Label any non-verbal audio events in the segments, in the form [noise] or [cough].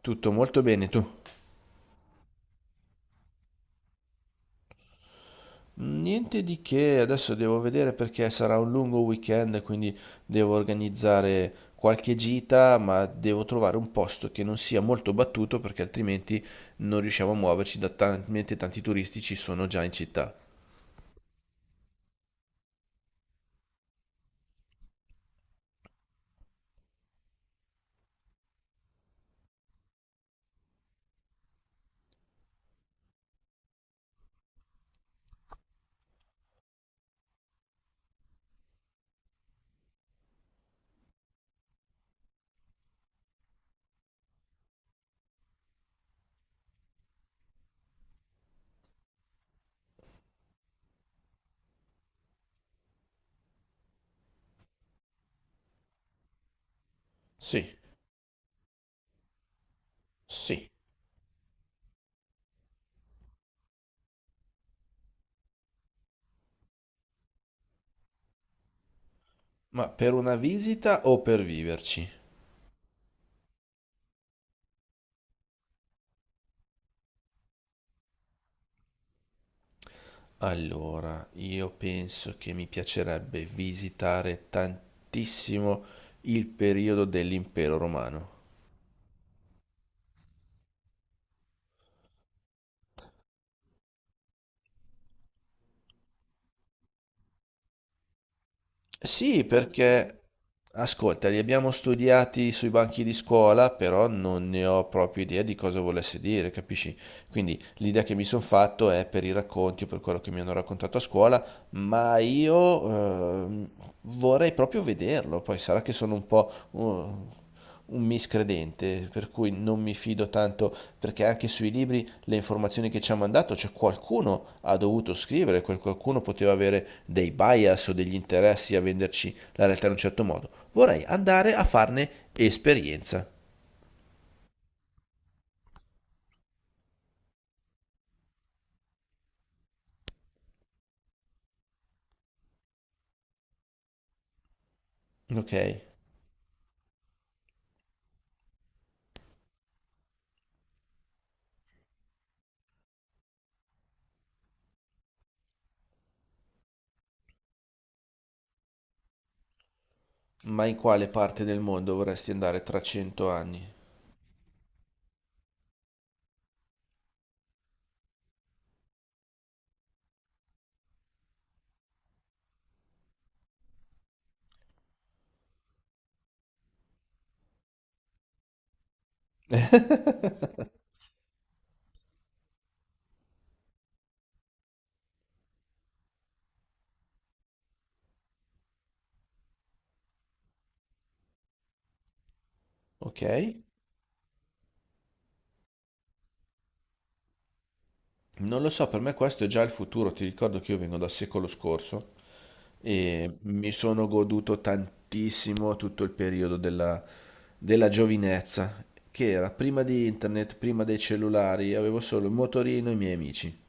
Tutto molto bene, tu? Niente di che, adesso devo vedere perché sarà un lungo weekend, quindi devo organizzare qualche gita, ma devo trovare un posto che non sia molto battuto perché altrimenti non riusciamo a muoverci da talmente tanti turisti ci sono già in città. Sì, sì. Ma per una visita o per viverci? Allora, io penso che mi piacerebbe visitare tantissimo il periodo dell'Impero Romano. Sì, perché ascolta, li abbiamo studiati sui banchi di scuola, però non ne ho proprio idea di cosa volesse dire, capisci? Quindi l'idea che mi sono fatto è per i racconti o per quello che mi hanno raccontato a scuola, ma io ehm, vorrei proprio vederlo. Poi sarà che sono un po' un miscredente, per cui non mi fido tanto, perché anche sui libri le informazioni che ci ha mandato, cioè qualcuno ha dovuto scrivere, quel qualcuno poteva avere dei bias o degli interessi a venderci la realtà in un certo modo. Vorrei andare a farne esperienza. Ok, ma in quale parte del mondo vorresti andare tra 100 anni? Ok? Non lo so, per me questo è già il futuro, ti ricordo che io vengo dal secolo scorso. E mi sono goduto tantissimo tutto il periodo della giovinezza, che era prima di internet, prima dei cellulari, avevo solo il motorino e i miei amici.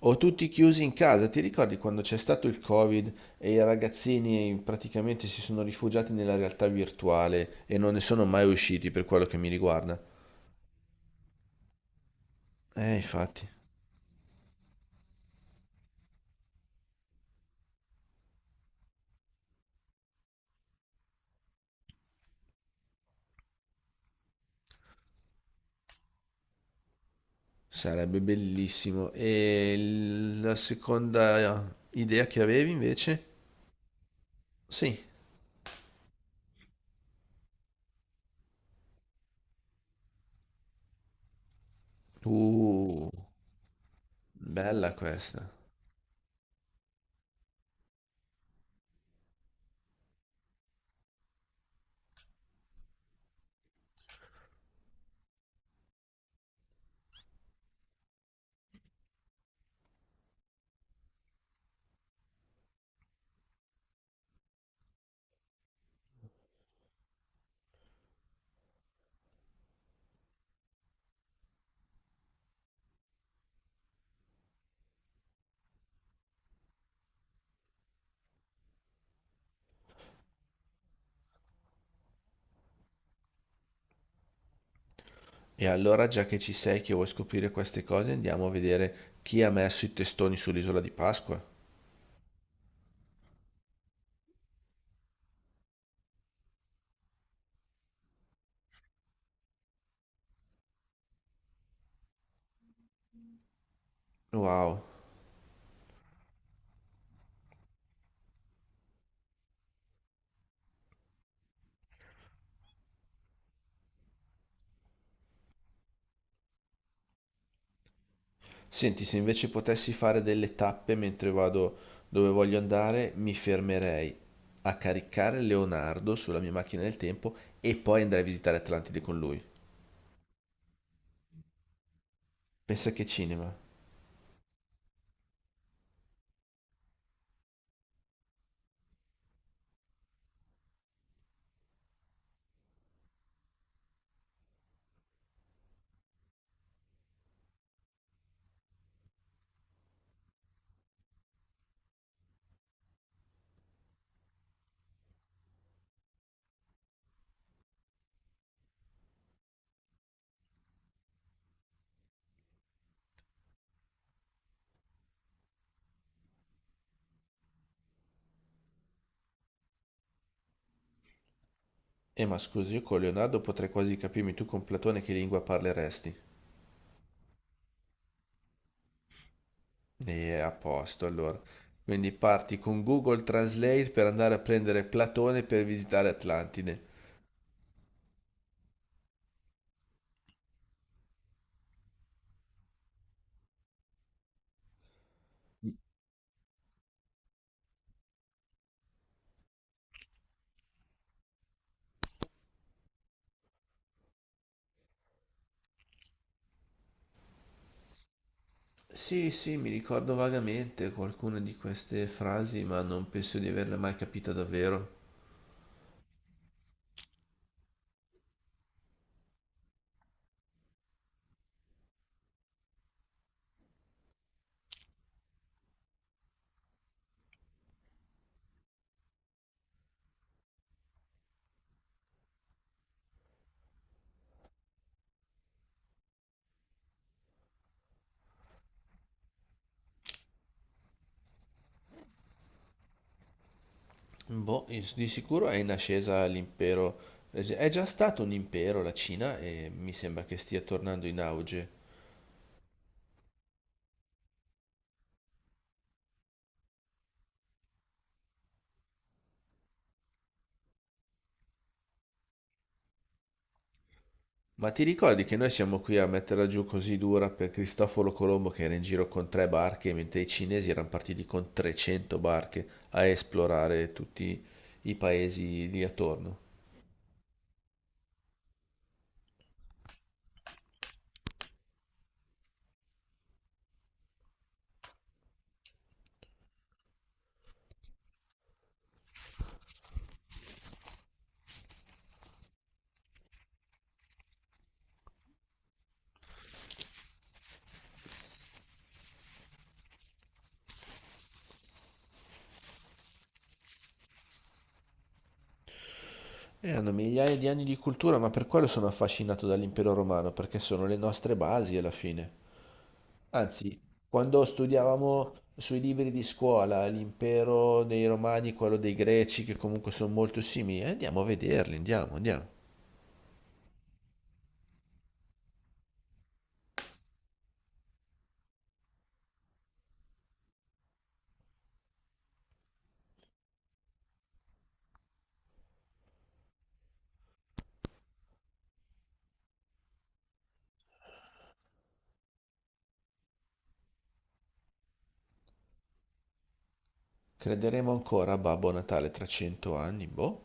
O tutti chiusi in casa, ti ricordi quando c'è stato il Covid e i ragazzini praticamente si sono rifugiati nella realtà virtuale e non ne sono mai usciti per quello che mi riguarda? Infatti, sarebbe bellissimo. E la seconda idea che avevi invece? Sì. Uh, Bella questa. E allora, già che ci sei, che vuoi scoprire queste cose, andiamo a vedere chi ha messo i testoni sull'isola di Pasqua. Wow. Senti, se invece potessi fare delle tappe mentre vado dove voglio andare, mi fermerei a caricare Leonardo sulla mia macchina del tempo e poi andrei a visitare Atlantide con lui. Pensa che cinema. Ma scusi, io con Leonardo potrei quasi capirmi, tu con Platone che lingua parleresti? E a posto, allora. Quindi parti con Google Translate per andare a prendere Platone per visitare Atlantide. Sì, sì, mi ricordo vagamente qualcuna di queste frasi, ma non penso di averle mai capita davvero. Di sicuro è in ascesa l'impero. È già stato un impero la Cina e mi sembra che stia tornando in auge. Ma ti ricordi che noi siamo qui a metterla giù così dura per Cristoforo Colombo che era in giro con tre barche, mentre i cinesi erano partiti con 300 barche a esplorare tutti i paesi lì attorno? E hanno migliaia di anni di cultura, ma per quello sono affascinato dall'impero romano, perché sono le nostre basi alla fine. Anzi, quando studiavamo sui libri di scuola l'impero dei Romani, quello dei Greci, che comunque sono molto simili, andiamo a vederli, andiamo, andiamo. Crederemo ancora a Babbo Natale tra 100 anni? Boh.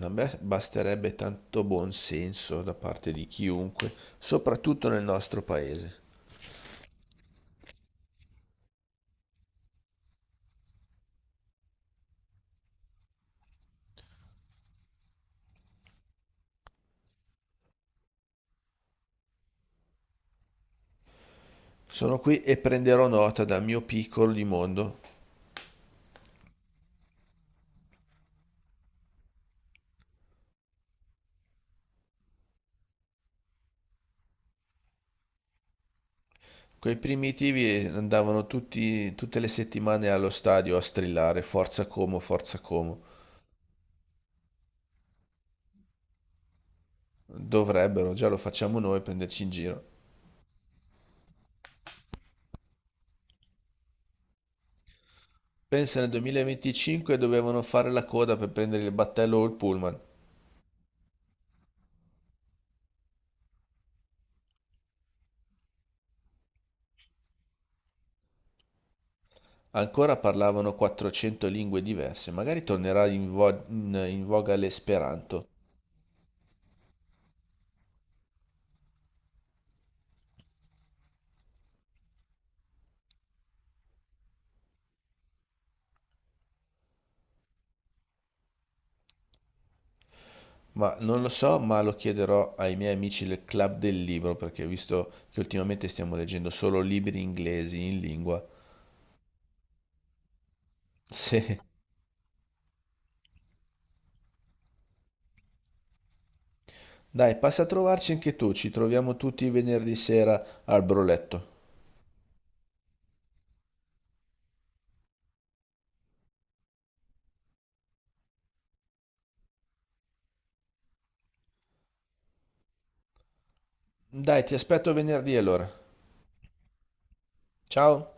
A me basterebbe tanto buon senso da parte di chiunque, soprattutto nel nostro paese. Sono qui e prenderò nota dal mio piccolo di mondo. Quei primitivi andavano tutte le settimane allo stadio a strillare Forza Como, Forza Como. Dovrebbero, già lo facciamo noi, prenderci in giro. Pensa nel 2025 dovevano fare la coda per prendere il battello o il pullman. Ancora parlavano 400 lingue diverse, magari tornerà in voga l'esperanto, ma non lo so, ma lo chiederò ai miei amici del club del libro, perché visto che ultimamente stiamo leggendo solo libri inglesi in lingua. [laughs] Sì. Dai, passa a trovarci anche tu, ci troviamo tutti venerdì sera al broletto. Dai, ti aspetto venerdì allora. Ciao.